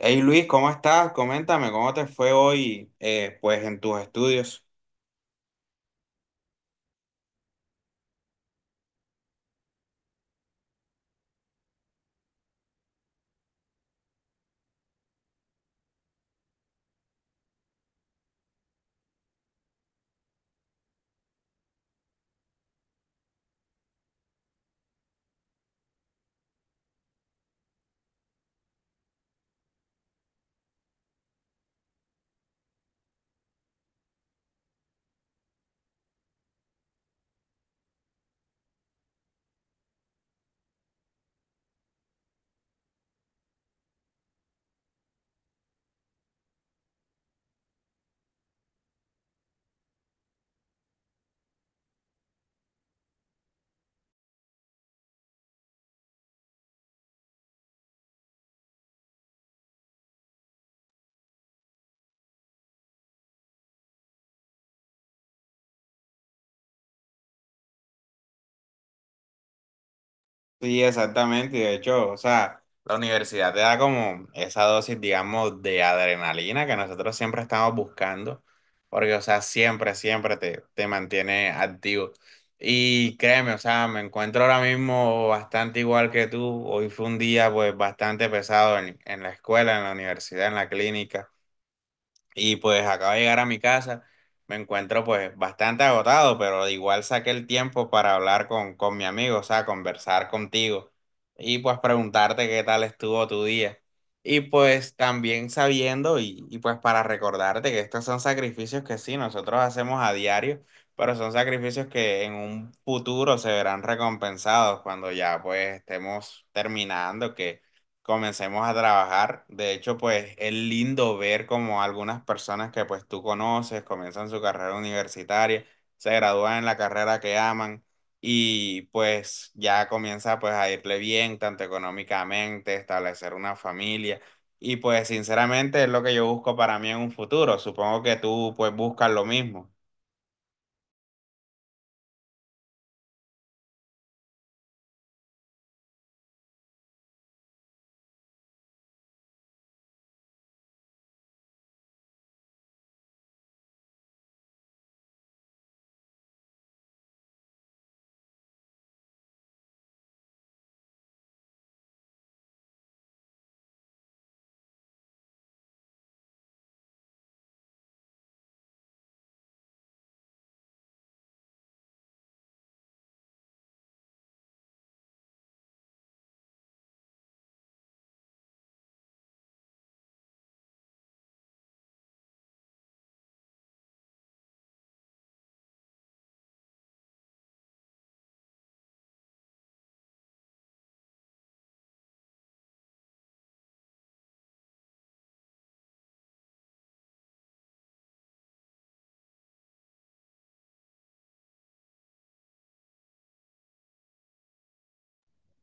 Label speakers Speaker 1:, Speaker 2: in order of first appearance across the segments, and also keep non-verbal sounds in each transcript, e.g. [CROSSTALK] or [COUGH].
Speaker 1: Hey Luis, ¿cómo estás? Coméntame, ¿cómo te fue hoy, pues, en tus estudios? Sí, exactamente. De hecho, o sea, la universidad te da como esa dosis, digamos, de adrenalina que nosotros siempre estamos buscando, porque, o sea, siempre, te mantiene activo. Y créeme, o sea, me encuentro ahora mismo bastante igual que tú. Hoy fue un día, pues, bastante pesado en la escuela, en la universidad, en la clínica. Y pues acabo de llegar a mi casa, me encuentro pues bastante agotado, pero igual saqué el tiempo para hablar con mi amigo, o sea, conversar contigo y pues preguntarte qué tal estuvo tu día. Y pues también sabiendo y pues para recordarte que estos son sacrificios que sí, nosotros hacemos a diario, pero son sacrificios que en un futuro se verán recompensados cuando ya pues estemos terminando, que comencemos a trabajar. De hecho, pues es lindo ver como algunas personas que pues tú conoces comienzan su carrera universitaria, se gradúan en la carrera que aman y pues ya comienza pues a irle bien, tanto económicamente, establecer una familia. Y pues sinceramente es lo que yo busco para mí en un futuro. Supongo que tú pues buscas lo mismo.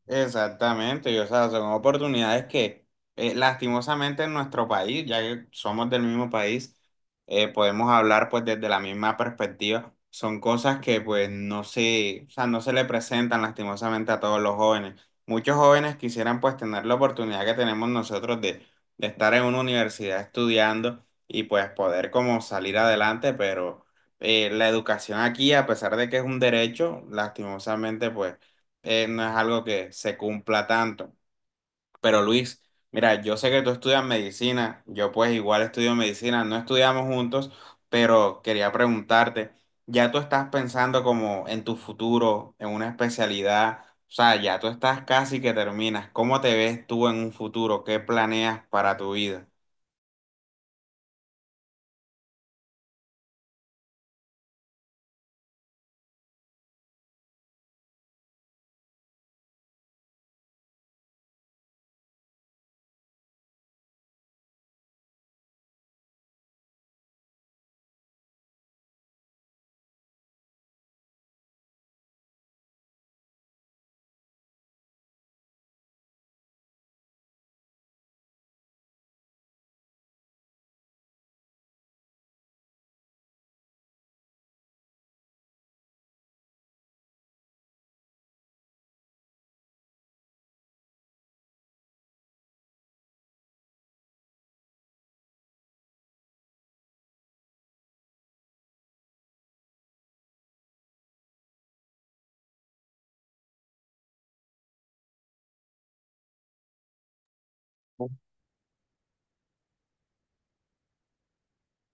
Speaker 1: Exactamente, y, o sea, son oportunidades que lastimosamente en nuestro país, ya que somos del mismo país, podemos hablar pues desde la misma perspectiva. Son cosas que pues no se, o sea, no se le presentan lastimosamente a todos los jóvenes. Muchos jóvenes quisieran pues tener la oportunidad que tenemos nosotros de estar en una universidad estudiando y pues poder como salir adelante, pero la educación aquí, a pesar de que es un derecho, lastimosamente pues no es algo que se cumpla tanto. Pero Luis, mira, yo sé que tú estudias medicina, yo pues igual estudio medicina, no estudiamos juntos, pero quería preguntarte, ¿ya tú estás pensando como en tu futuro, en una especialidad? O sea, ya tú estás casi que terminas. ¿Cómo te ves tú en un futuro? ¿Qué planeas para tu vida?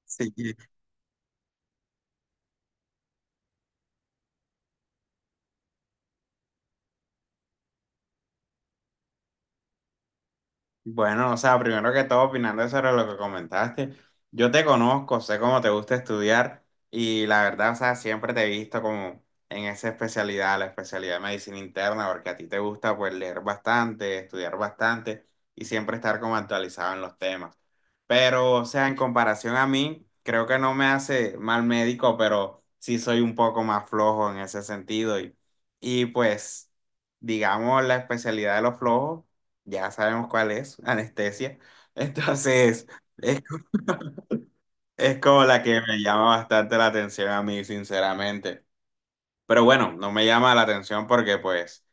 Speaker 1: Sí. Bueno, o sea, primero que todo, opinando sobre lo que comentaste, yo te conozco, sé cómo te gusta estudiar y la verdad, o sea, siempre te he visto como en esa especialidad, la especialidad de medicina interna, porque a ti te gusta pues leer bastante, estudiar bastante y siempre estar como actualizado en los temas. Pero, o sea, en comparación a mí, creo que no me hace mal médico, pero sí soy un poco más flojo en ese sentido y pues, digamos, la especialidad de los flojos ya sabemos cuál es, anestesia. [LAUGHS] Entonces, es, es como la que me llama bastante la atención a mí, sinceramente. Pero bueno, no me llama la atención porque pues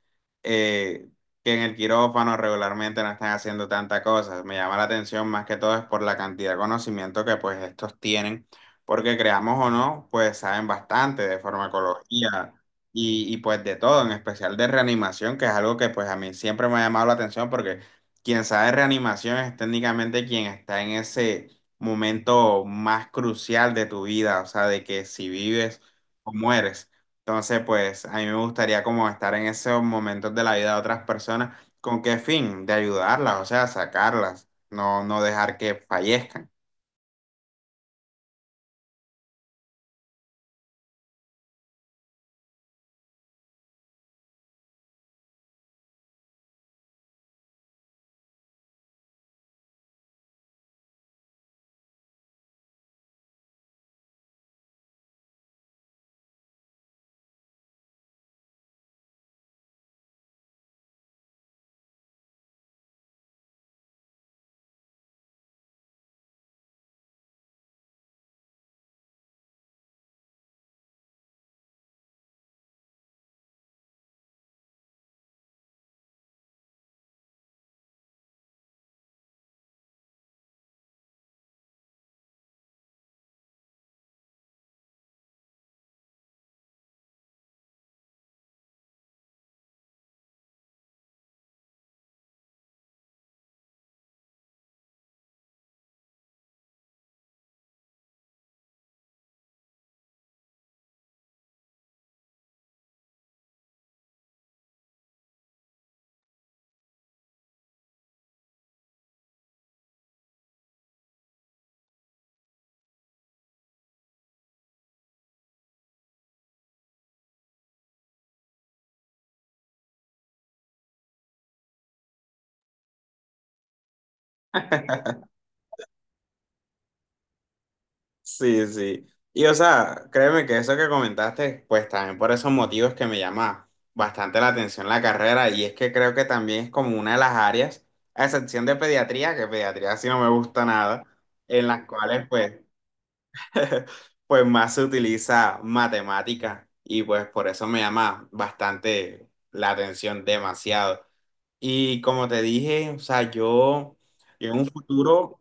Speaker 1: eh, que en el quirófano regularmente no están haciendo tantas cosas. Me llama la atención más que todo es por la cantidad de conocimiento que pues estos tienen, porque creamos o no, pues saben bastante de farmacología y pues de todo, en especial de reanimación, que es algo que pues a mí siempre me ha llamado la atención porque quien sabe de reanimación es técnicamente quien está en ese momento más crucial de tu vida, o sea, de que si vives o mueres. Entonces, pues a mí me gustaría como estar en esos momentos de la vida de otras personas. ¿Con qué fin? De ayudarlas, o sea, sacarlas, no, no dejar que fallezcan. Sí, sí. Y o sea, créeme que eso que comentaste, pues también por esos motivos que me llama bastante la atención la carrera y es que creo que también es como una de las áreas, a excepción de pediatría, que pediatría sí no me gusta nada, en las cuales pues [LAUGHS] pues más se utiliza matemática y pues por eso me llama bastante la atención, demasiado. Y como te dije, o sea, yo en un futuro...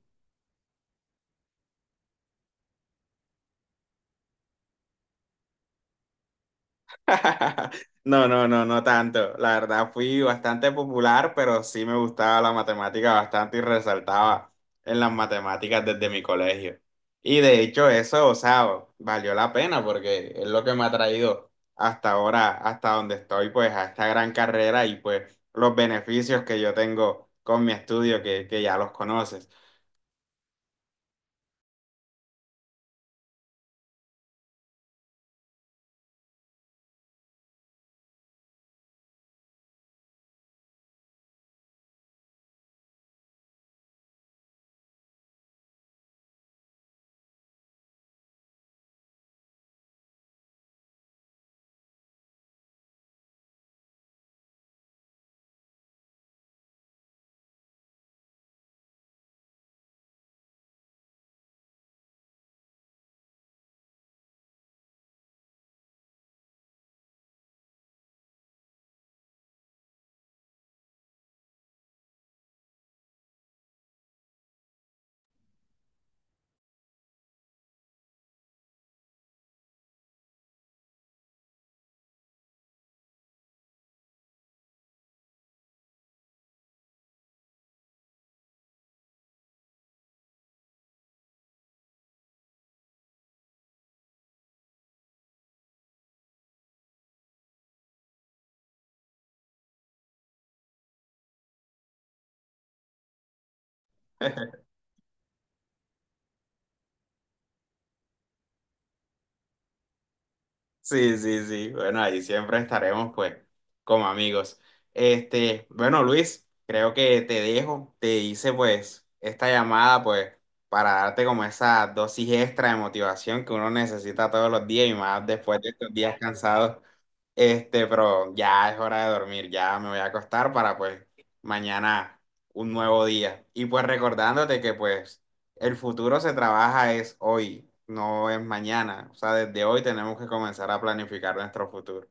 Speaker 1: [LAUGHS] No, no, no, no tanto. La verdad fui bastante popular, pero sí me gustaba la matemática bastante y resaltaba en las matemáticas desde mi colegio. Y de hecho eso, o sea, valió la pena porque es lo que me ha traído hasta ahora, hasta donde estoy, pues a esta gran carrera y pues los beneficios que yo tengo con mi estudio que ya los conoces. Sí, sí, sí. Bueno, ahí siempre estaremos, pues, como amigos. Este, bueno, Luis, creo que te dejo. Te hice, pues, esta llamada, pues, para darte como esa dosis extra de motivación que uno necesita todos los días y más después de estos días cansados. Este, pero ya es hora de dormir, ya me voy a acostar para pues mañana un nuevo día. Y pues recordándote que pues el futuro se trabaja es hoy, no es mañana. O sea, desde hoy tenemos que comenzar a planificar nuestro futuro.